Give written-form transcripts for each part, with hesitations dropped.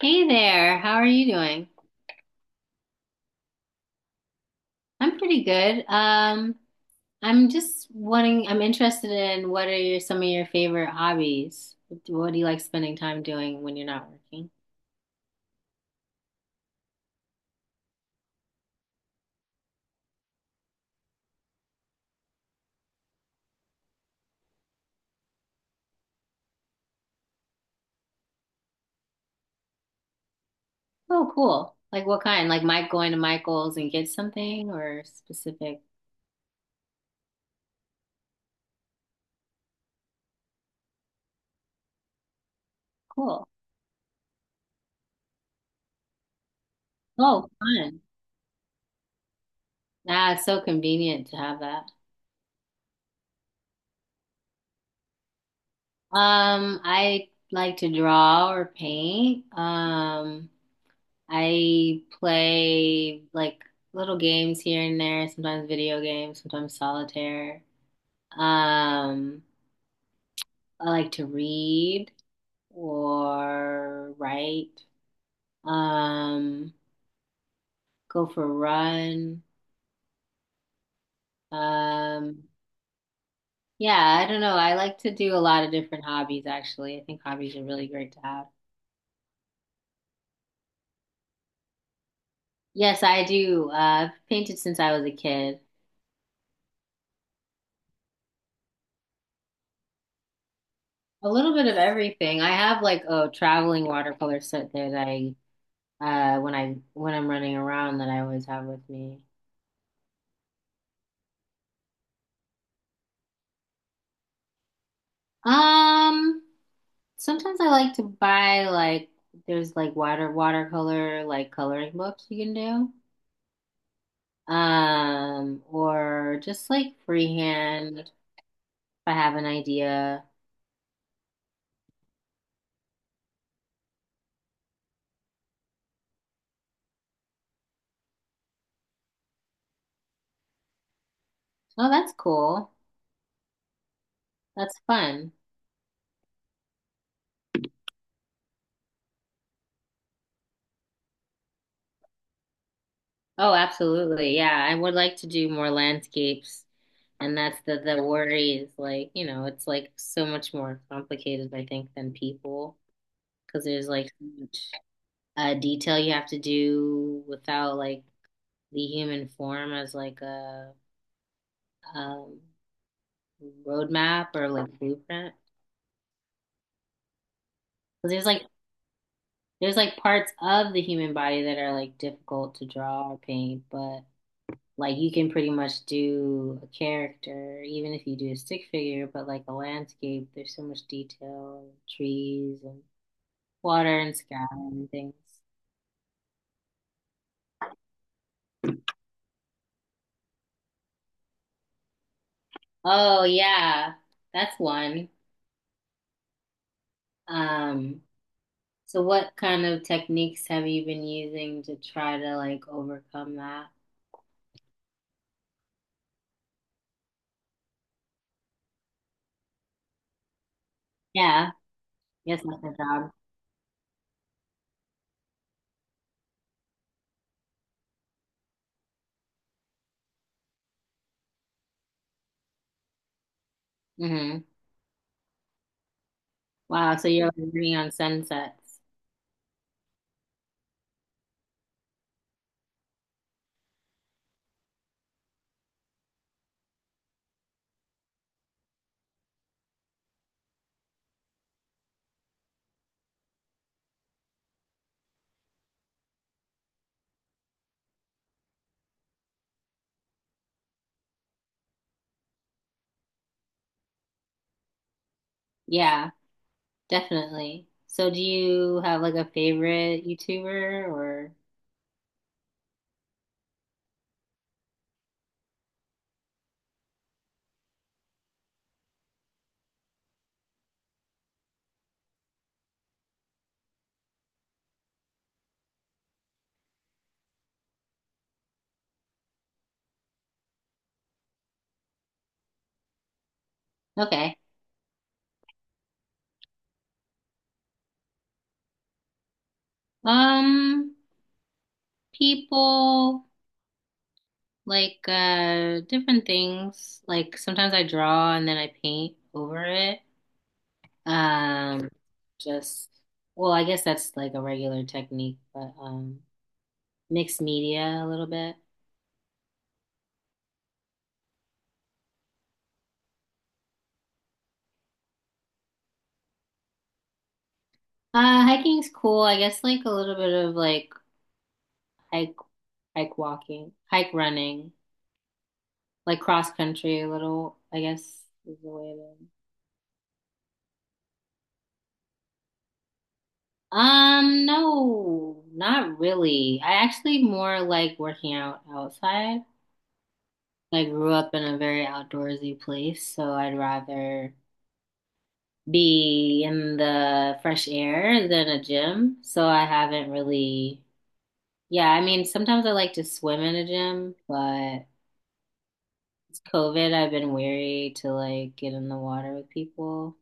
Hey there, how are you doing? I'm pretty good. I'm interested in what are some of your favorite hobbies? What do you like spending time doing when you're not working? Oh, cool. Like what kind? Like Mike going to Michael's and get something or specific? Cool. Oh, fun. Ah, it's so convenient to have that. I like to draw or paint. I play like little games here and there, sometimes video games, sometimes solitaire. Um, I like to read or write. Um, go for a run. Um, yeah, I don't know. I like to do a lot of different hobbies actually. I think hobbies are really great to have. Yes, I do. I've painted since I was a kid. A little bit of everything. I have like a traveling watercolor set that I when I when I'm running around that I always have with me. Um, sometimes I like to buy like there's like watercolor like coloring books you can do. Or just like freehand if I have an idea. Oh, that's cool. That's fun. Oh, absolutely. Yeah, I would like to do more landscapes. And that's the worry is like, you know, it's like so much more complicated, I think, than people because there's like so much, a detail you have to do without like the human form as like a um, roadmap or like blueprint. 'Cause there's like parts of the human body that are like difficult to draw or paint, but like you can pretty much do a character, even if you do a stick figure, but like a landscape, there's so much detail, trees and water and sky and things. Oh yeah, that's one. Um, so what kind of techniques have you been using to try to like overcome that? Yeah, yes, that's my job. Hmm. Wow, so you're like working on sunsets. Yeah, definitely. So do you have like a favorite YouTuber or okay? Um, People like different things. Like sometimes I draw and then I paint over it. Um, just well, I guess that's like a regular technique, but mixed media a little bit. Hiking's cool. I guess like a little bit of like hike, hike walking, hike running, like cross country a little, I guess is the way to. No, not really. I actually more like working out outside. I grew up in a very outdoorsy place, so I'd rather be in the fresh air than a gym. So I haven't really, yeah, I mean, sometimes I like to swim in a gym, but it's COVID. I've been weary to like get in the water with people.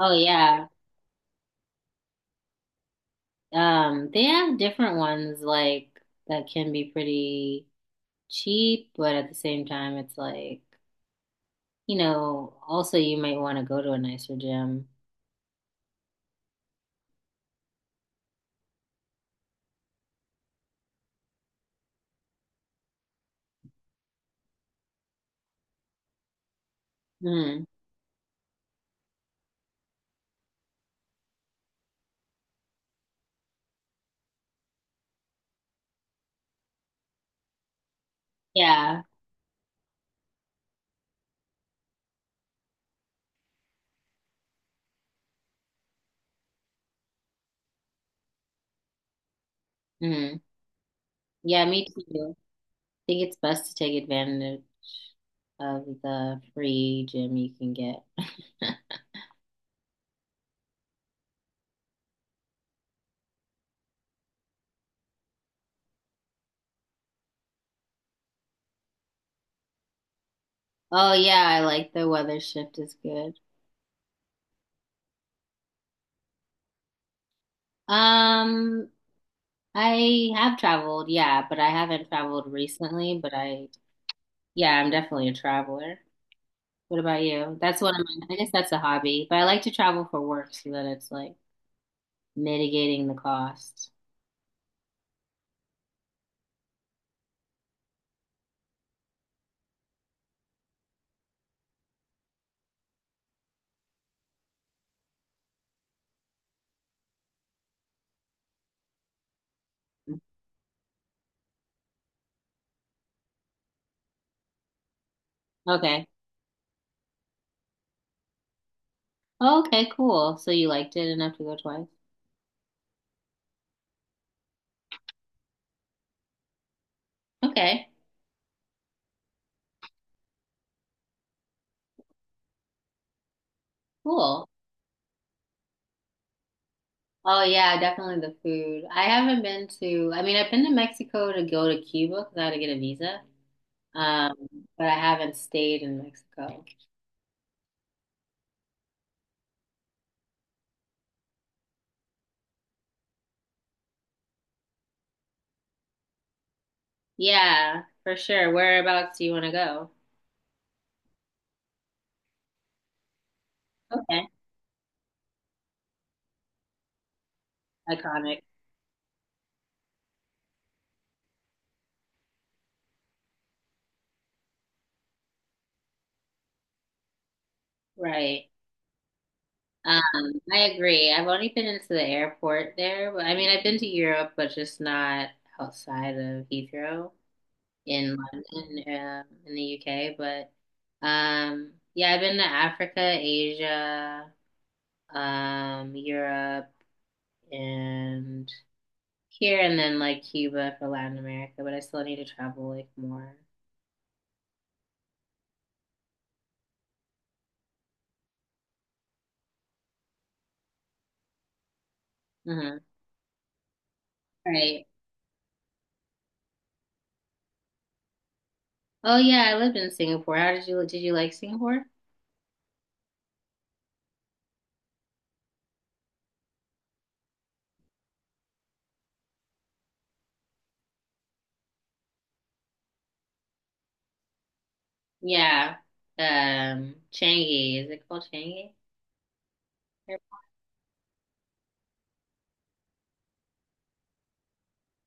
Oh yeah. They have different ones like that can be pretty cheap, but at the same time it's like, you know, also you might want to go to a nicer gym. Mm. Yeah. Mm. Yeah, me too. I think it's best to take advantage of the free gym you can get. Oh yeah, I like the weather shift is good. Um, I have traveled, yeah, but I haven't traveled recently, yeah, I'm definitely a traveler. What about you? That's one of I guess that's a hobby, but I like to travel for work so that it's like mitigating the cost. Okay. Oh, okay, cool. So you liked it enough to go twice? Okay, cool. Oh yeah, definitely the food. I haven't been to, I mean, I've been to Mexico to go to Cuba because I had to get a visa. Um, but I haven't stayed in Mexico. Yeah, for sure. Whereabouts do you want to go? Okay. Iconic. Right. Um, I agree. I've only been into the airport there, but I mean, I've been to Europe, but just not outside of Heathrow in London, in the UK. But yeah, I've been to Africa, Asia, Europe, and here, and then like Cuba for Latin America. But I still need to travel like more. Mhm. Right. Oh yeah, I lived in Singapore. How did you Did you like Singapore? Yeah. Changi. Is it called Changi?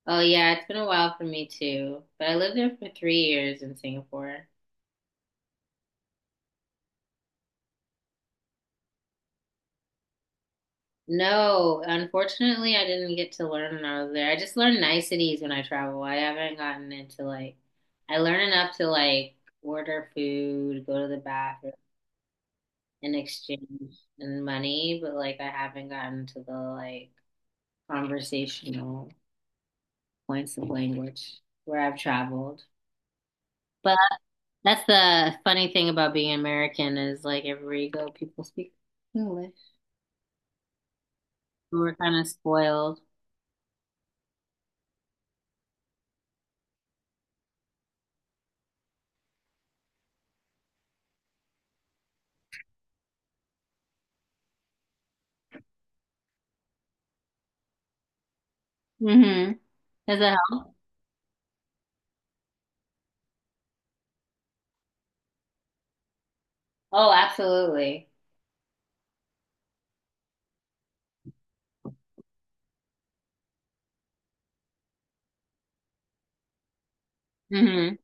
Oh yeah, it's been a while for me too. But I lived there for 3 years in Singapore. No, unfortunately, I didn't get to learn when I was there. I just learned niceties when I travel. I haven't gotten into like, I learn enough to like order food, go to the bathroom, and exchange and money, but like I haven't gotten to the like conversational points of language where I've traveled. But that's the funny thing about being American is like everywhere you go, people speak English. We're kind of spoiled. Mm-hmm. Does it help? Oh, absolutely. Mm-hmm.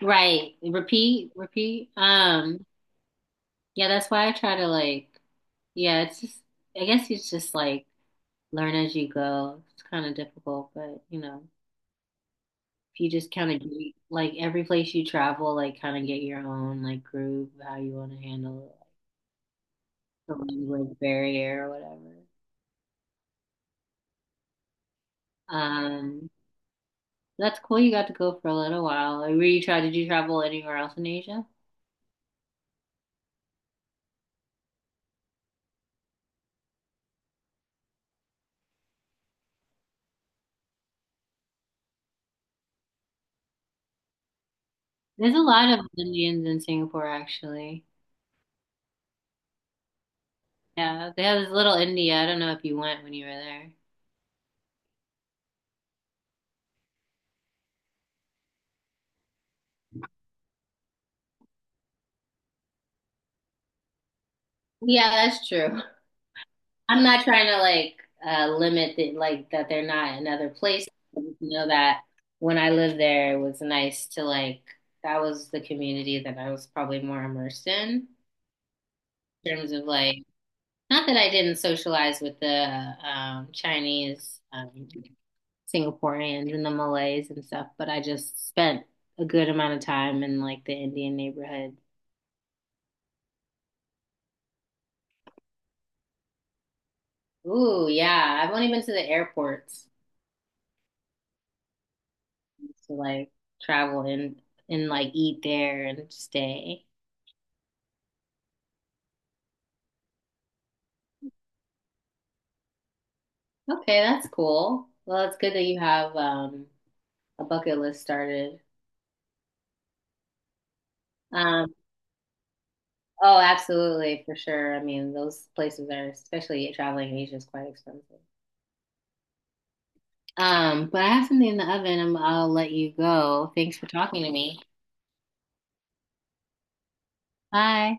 Right. Repeat, repeat. Yeah, that's why I try to yeah, it's just, I guess it's just like learn as you go. It's kind of difficult, but you know, if you just kind of like every place you travel, like kind of get your own like groove, how you want to handle it, like the language barrier or whatever. Um, that's cool. You got to go for a little while. Were you try? Did you travel anywhere else in Asia? There's a lot of Indians in Singapore, actually. Yeah, they have this little India. I don't know if you went when you were there. Yeah, that's true. I'm not trying to like limit the like that they're not in other places. I just know that when I lived there, it was nice to like that was the community that I was probably more immersed in terms of like not that I didn't socialize with the Chinese Singaporeans and the Malays and stuff, but I just spent a good amount of time in like the Indian neighborhood. Ooh, yeah. I've only been to the airports to like travel and like eat there and stay. Okay, that's cool. Well, it's good that you have a bucket list started. Um, oh, absolutely, for sure. I mean, those places are, especially traveling in Asia, is quite expensive. But I have something in the oven. I'll let you go. Thanks for talking to me. Bye.